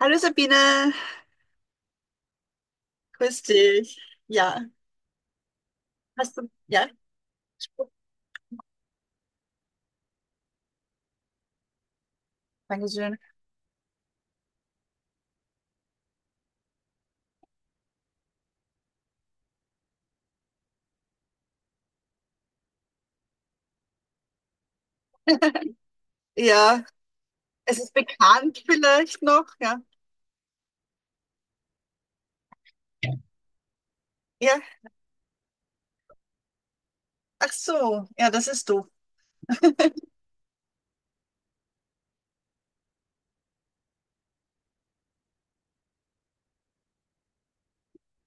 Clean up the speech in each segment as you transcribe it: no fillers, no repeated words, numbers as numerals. Hallo Sabine, grüß dich. Ja, hast du, ja, dankeschön. Ja, es ist bekannt vielleicht noch, ja. Ja, ach so, ja, das ist du.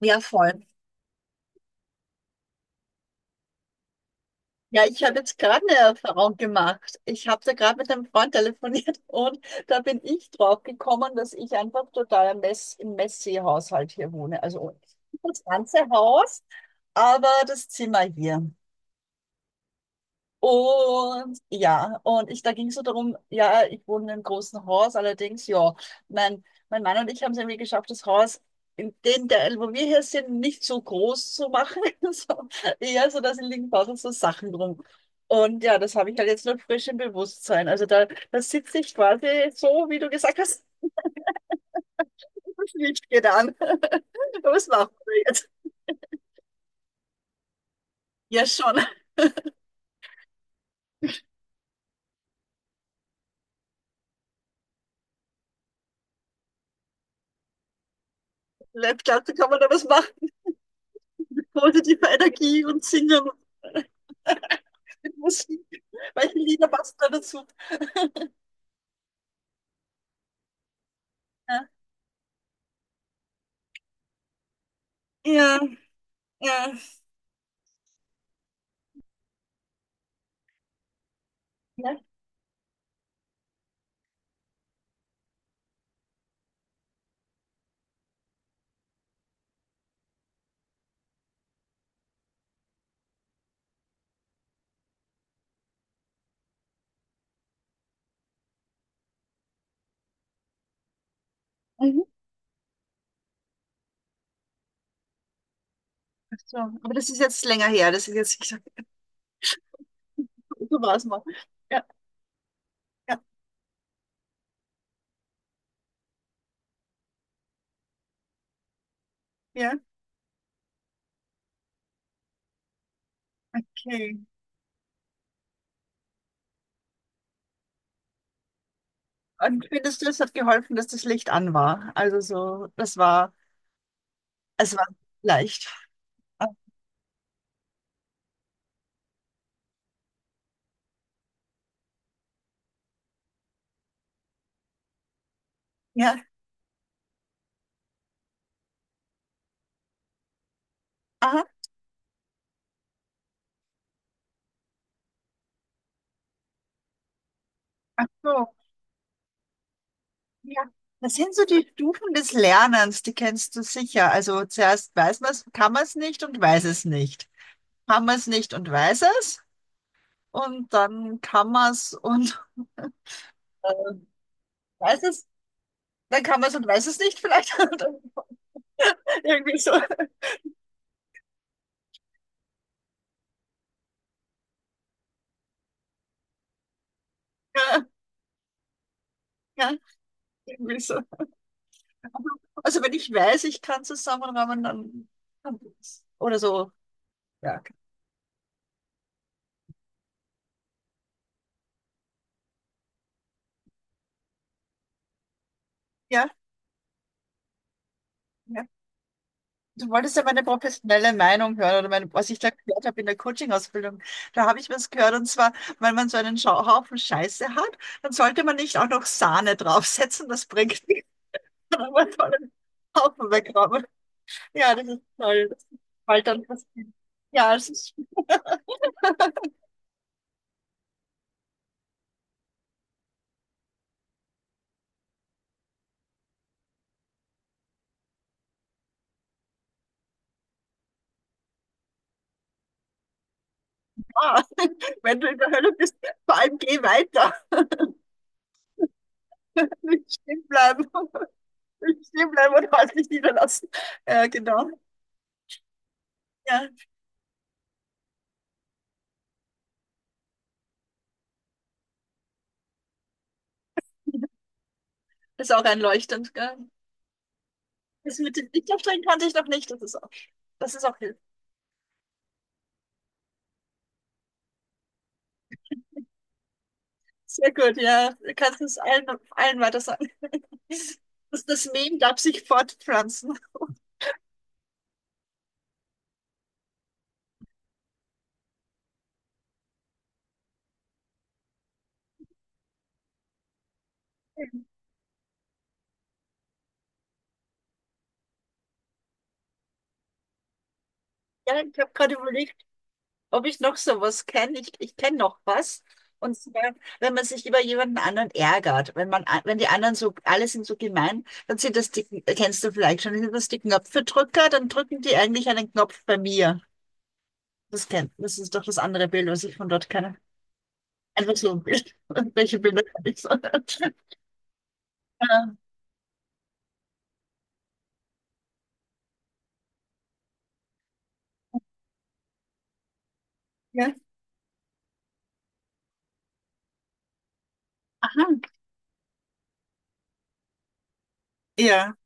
Ja, voll. Ja, ich habe jetzt gerade eine Erfahrung gemacht. Ich habe da gerade mit einem Freund telefoniert und da bin ich drauf gekommen, dass ich einfach total im Messi-Haushalt hier wohne. Also das ganze Haus, aber das Zimmer hier. Und ja, und ich, da ging es so darum, ja, ich wohne in einem großen Haus, allerdings, ja, mein Mann und ich haben es irgendwie geschafft, das Haus in den Teil, wo wir hier sind, nicht so groß zu machen. So, eher so, dass in liegen draußen so Sachen rum. Und ja, das habe ich halt jetzt noch frisch im Bewusstsein. Also da sitze ich quasi so, wie du gesagt hast, das Licht geht an. Was machen wir jetzt? Ja, schon. Vielleicht, kann man da was machen? Positive Energie und singen und mit Musik. Welche Lieder passen da dazu? Ja. Ja, ja. Ja. Mhm. Ach so. Aber das ist jetzt länger her, das ist jetzt, ich sag, so war es mal. Ja, ja, ja, okay. Und findest du, es hat geholfen, dass das Licht an war? Also so, das war, es war leicht. Ah, ja, aha, ach so, ja. Das sind so die Stufen des Lernens, die kennst du sicher. Also zuerst weiß man es, kann man es nicht und weiß es nicht. Kann man es nicht und weiß es, und dann kann man es und weiß es. Dann kann man es und weiß es nicht vielleicht. Irgendwie so. Ja, ja, irgendwie so. Also wenn ich weiß, ich kann zusammenrahmen, dann kann ich es. Oder so. Ja. Ja, ja. Du wolltest ja meine professionelle Meinung hören, oder meine, was ich da gehört habe in der Coaching-Ausbildung. Da habe ich was gehört, und zwar, wenn man so einen Haufen Scheiße hat, dann sollte man nicht auch noch Sahne draufsetzen, das bringt nichts, sondern man soll einen Haufen wegräumen. Ja, das ist toll. Das fällt dann was hin. Ja, es ist. Ah, wenn du in der Hölle bist, vor allem geh weiter. Nicht stehen bleiben. Nicht stehen bleiben und halt nicht niederlassen. Ja, genau. Ja, ist auch einleuchtend, gell? Das mit dem Lichtaufstellen kannte ich noch nicht. Das ist auch hilfreich. Sehr gut, ja. Du kannst es allen, allen weiter sagen. Das, das Meme darf sich fortpflanzen. Ja, ich habe gerade überlegt, ob ich noch sowas kenne. Ich kenne noch was. Und zwar, wenn man sich über jemanden anderen ärgert, wenn man, wenn die anderen so, alle sind so gemein, dann sind das die, kennst du vielleicht schon, sind das die Knopfedrücker, dann drücken die eigentlich einen Knopf bei mir. Das kennt, das ist doch das andere Bild, was ich von dort kenne. Einfach so ein Bild. Welche Bilder kann ich so? Ah, ja, aha. Ja,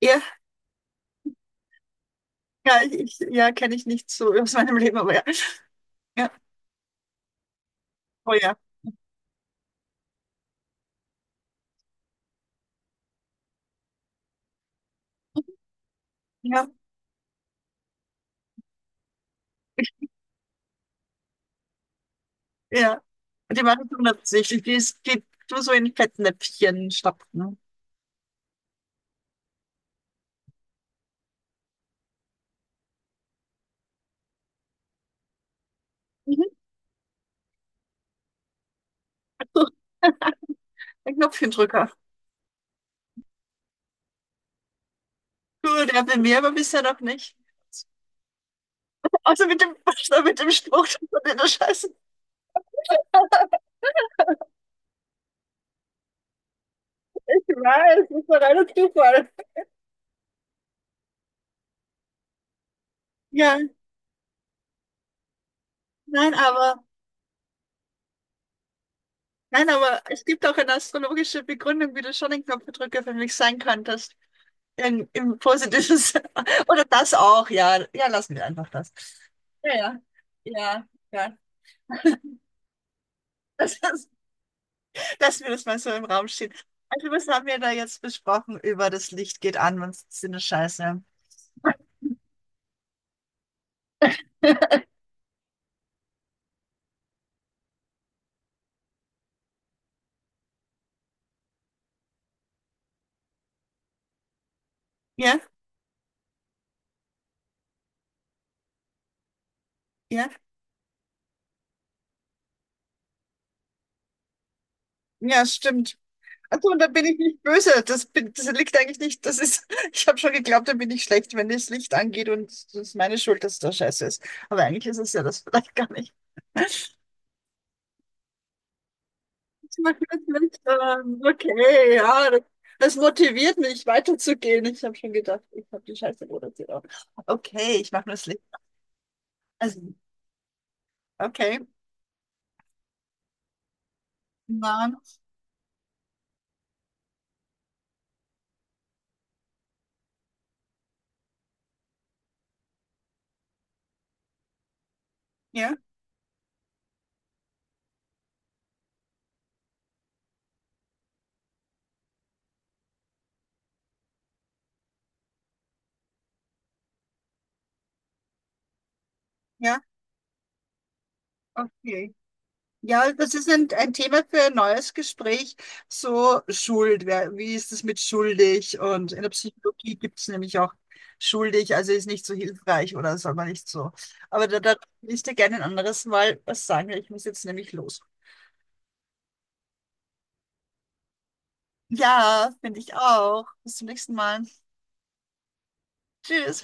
ja, ja, ja, kenne ich nicht so aus meinem Leben, aber ja. Ja, oh ja, ja, ja. Die machen 160. Die ist, geht nur so in Fettnäpfchen stopfen. Mhm. Ein Knopfchendrücker. Du, der will mir aber bisher noch nicht. Außer mit dem, mit dem Spruch, dass man den der Scheiße nicht weiß. Das war reiner Zufall. Ja, nein, aber, nein, aber es gibt auch eine astrologische Begründung, wie du schon ein Knopfdrücker für mich sein könntest. Im positiven Sinne. Oder das auch, ja. Ja, lassen wir einfach das. Ja, ja, ja, ja. Das ist. Lassen wir das mal so im Raum stehen. Also, was haben wir da jetzt besprochen über das Licht geht an, wenn es eine Scheiße? Ja, ja, ja, stimmt. Also, und da bin ich nicht böse. Das, bin, das liegt eigentlich nicht. Das ist, ich habe schon geglaubt, da bin ich schlecht, wenn das Licht angeht und es ist meine Schuld, dass da Scheiße ist. Aber eigentlich ist es ja das vielleicht gar nicht. Ich mach das Licht an. Okay, ja, das, das motiviert mich, weiterzugehen. Ich habe schon gedacht, ich habe die Scheiße produziert. Okay, ich mache nur das Licht. Also, okay. Mann, ja. Ja, okay. Ja, das ist ein Thema für ein neues Gespräch. So Schuld, wer, wie ist es mit schuldig? Und in der Psychologie gibt es nämlich auch schuldig, also ist nicht so hilfreich oder soll man nicht so. Aber da will ich dir gerne ein anderes Mal was sagen. Weil ich muss jetzt nämlich los. Ja, finde ich auch. Bis zum nächsten Mal. Tschüss.